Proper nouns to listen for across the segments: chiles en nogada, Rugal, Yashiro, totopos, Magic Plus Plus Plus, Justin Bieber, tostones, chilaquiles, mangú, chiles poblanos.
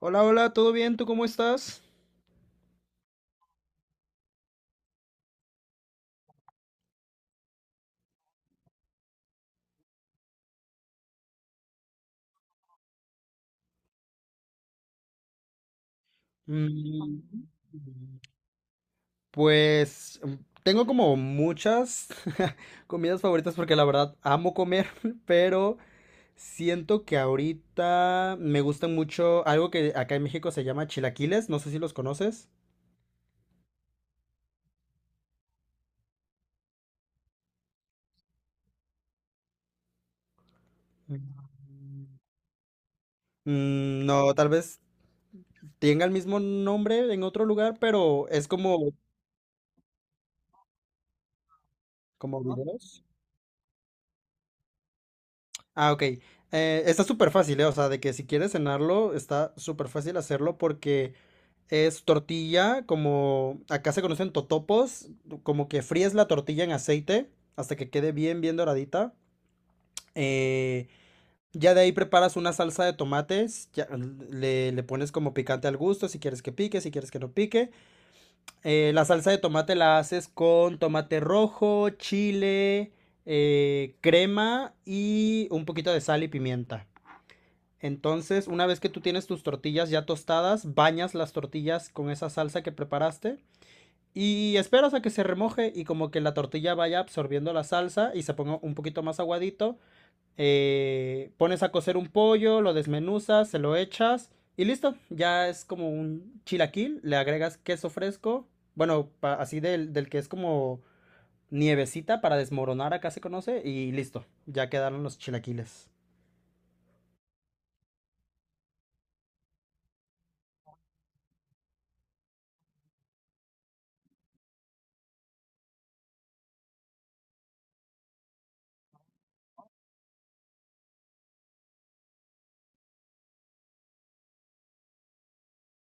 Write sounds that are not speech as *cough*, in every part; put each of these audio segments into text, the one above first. Hola, hola, ¿todo bien? ¿Tú cómo estás? Mm, pues mm, Tengo como muchas *laughs* comidas favoritas porque la verdad amo comer, *laughs* pero siento que ahorita me gusta mucho algo que acá en México se llama chilaquiles, no sé si los conoces. Mm, no, tal vez tenga el mismo nombre en otro lugar, pero es como, como videos. Ah, ok. Está súper fácil, ¿eh? O sea, de que si quieres cenarlo, está súper fácil hacerlo porque es tortilla, como acá se conocen totopos, como que fríes la tortilla en aceite hasta que quede bien, bien doradita. Eh, ya de ahí preparas una salsa de tomates, ya, le pones como picante al gusto, si quieres que pique, si quieres que no pique. La salsa de tomate la haces con tomate rojo, chile, crema y un poquito de sal y pimienta. Entonces, una vez que tú tienes tus tortillas ya tostadas, bañas las tortillas con esa salsa que preparaste y esperas a que se remoje y como que la tortilla vaya absorbiendo la salsa y se ponga un poquito más aguadito. Pones a cocer un pollo, lo desmenuzas, se lo echas y listo. Ya es como un chilaquil, le agregas queso fresco, bueno, así del que es como nievecita para desmoronar acá se conoce y listo, ya quedaron los chilaquiles.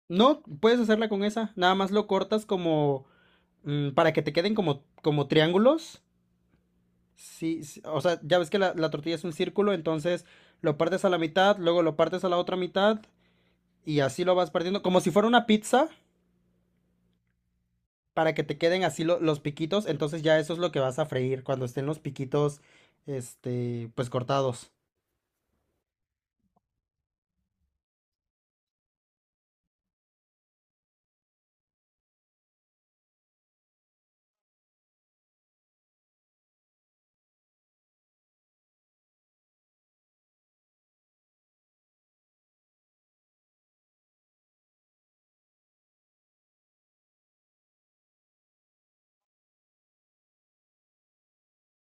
No, puedes hacerla con esa. Nada más lo cortas como para que te queden como, como triángulos. Sí, sí, o sea, ya ves que la tortilla es un círculo, entonces lo partes a la mitad, luego lo partes a la otra mitad y así lo vas partiendo, como si fuera una pizza, para que te queden así los piquitos. Entonces ya eso es lo que vas a freír cuando estén los piquitos, este, pues cortados.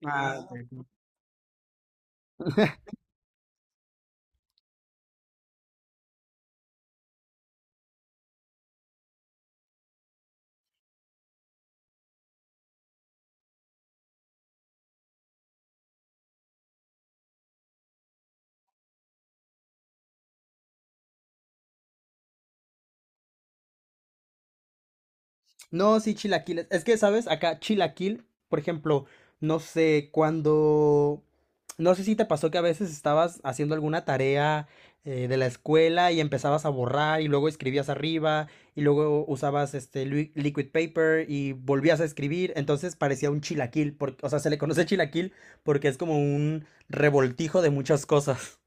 Ah, no, sí, chilaquiles. Es que, ¿sabes? Acá chilaquil, por ejemplo, no sé, cuando... No sé si te pasó que a veces estabas haciendo alguna tarea de la escuela y empezabas a borrar y luego escribías arriba y luego usabas este liquid paper y volvías a escribir. Entonces parecía un chilaquil, porque, o sea, se le conoce chilaquil porque es como un revoltijo de muchas cosas.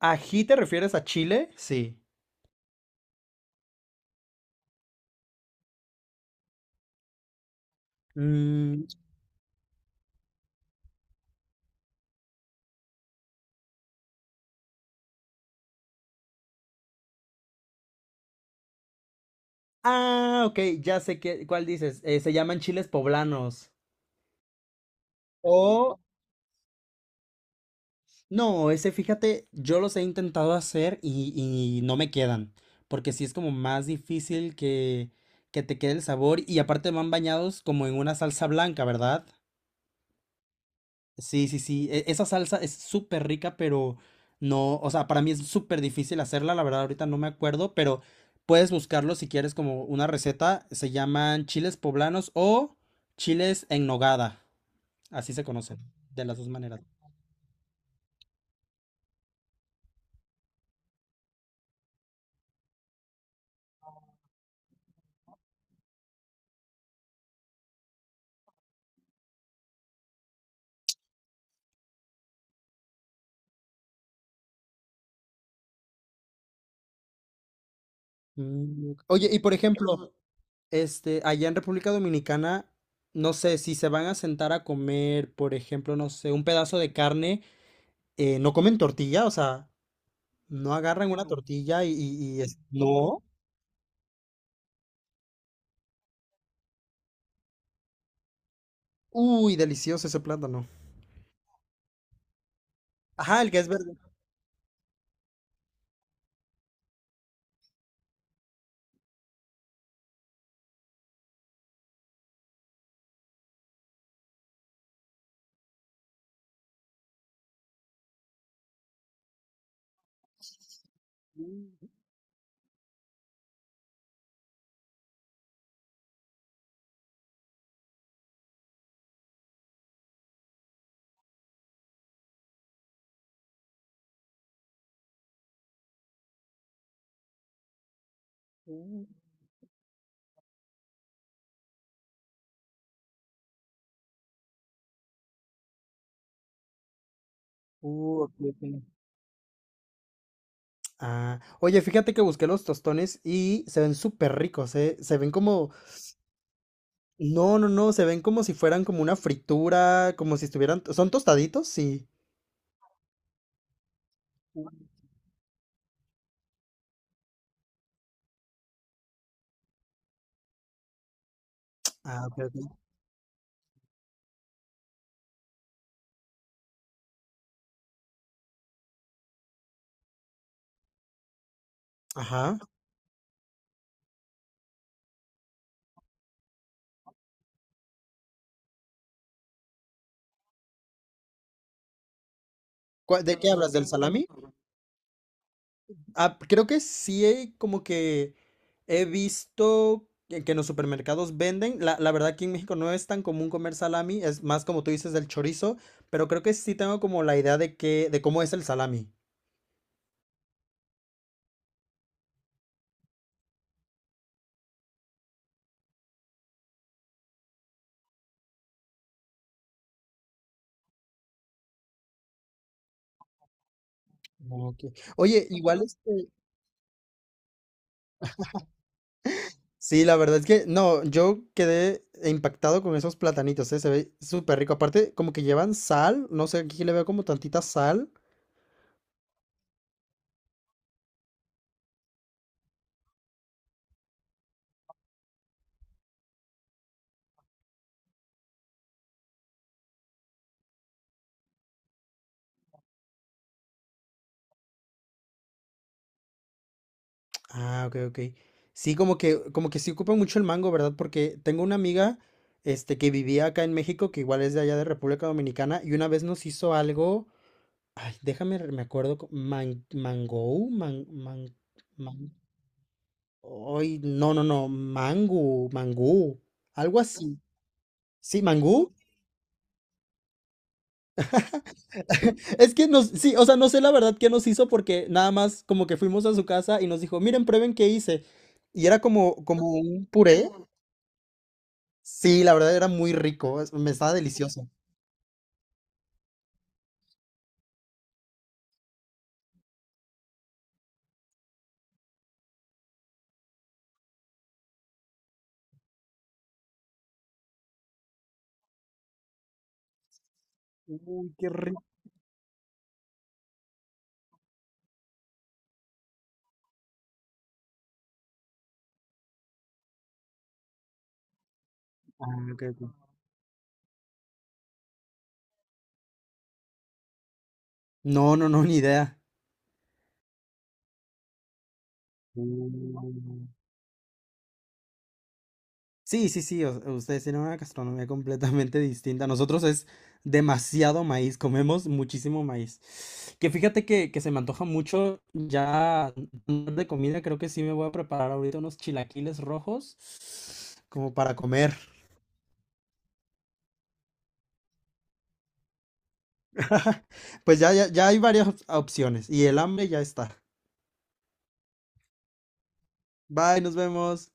¿Ají te refieres a chile? Sí. Ah, ok, ya sé qué, cuál dices. Se llaman chiles poblanos. O, no, ese fíjate, yo los he intentado hacer y no me quedan. Porque sí es como más difícil que te quede el sabor. Y aparte van bañados como en una salsa blanca, ¿verdad? Sí, sí, sí. Esa salsa es súper rica, pero no, o sea, para mí es súper difícil hacerla. La verdad, ahorita no me acuerdo, pero puedes buscarlo si quieres como una receta. Se llaman chiles poblanos o chiles en nogada. Así se conocen, de las dos maneras. Mm, ok. Oye, y por ejemplo, este, allá en República Dominicana, no sé, si se van a sentar a comer, por ejemplo, no sé, un pedazo de carne, no comen tortilla, o sea, no agarran una tortilla y es... No. Uy, delicioso ese plátano. Ajá, el que es verde. Mm, mm. Ok, ok. Ah, oye, fíjate que busqué los tostones y se ven súper ricos, se ven como no, no, no, se ven como si fueran como una fritura, como si estuvieran... ¿Son tostaditos? Sí. Ah, ok, ok. Ajá. ¿Cuál- ¿De qué hablas? ¿Del salami? Ah, creo que sí, como que he visto que en los supermercados venden. La verdad, aquí en México no es tan común comer salami, es más como tú dices del chorizo, pero creo que sí tengo como la idea de que, de cómo es el salami. Ok. Oye, igual este, sí, la verdad es que no, yo quedé impactado con esos platanitos, ¿eh? Se ve súper rico. Aparte, como que llevan sal, no sé, aquí le veo como tantita sal. Ah, ok, ok. Sí, como que sí ocupa mucho el mango, ¿verdad? Porque tengo una amiga, este, que vivía acá en México, que igual es de allá de República Dominicana, y una vez nos hizo algo, ay, déjame, me acuerdo, man, mango, man, man, man, ay, no, no, no, mango, mangú, algo así. Sí, mangú. Es que nos, sí, o sea, no sé la verdad qué nos hizo porque nada más como que fuimos a su casa y nos dijo, miren, prueben qué hice. Y era como, como un puré. Sí, la verdad era muy rico, me estaba delicioso. Uy, qué rico. Ah, ok, ok. No, no, no, ni idea. Uh. Sí, sí, sí, ustedes tienen una gastronomía completamente distinta. Nosotros es demasiado maíz, comemos muchísimo maíz. Que fíjate que se me antoja mucho ya de comida, creo que sí me voy a preparar ahorita unos chilaquiles rojos como para comer. *laughs* Pues ya, ya, ya hay varias opciones y el hambre ya está. Bye, nos vemos.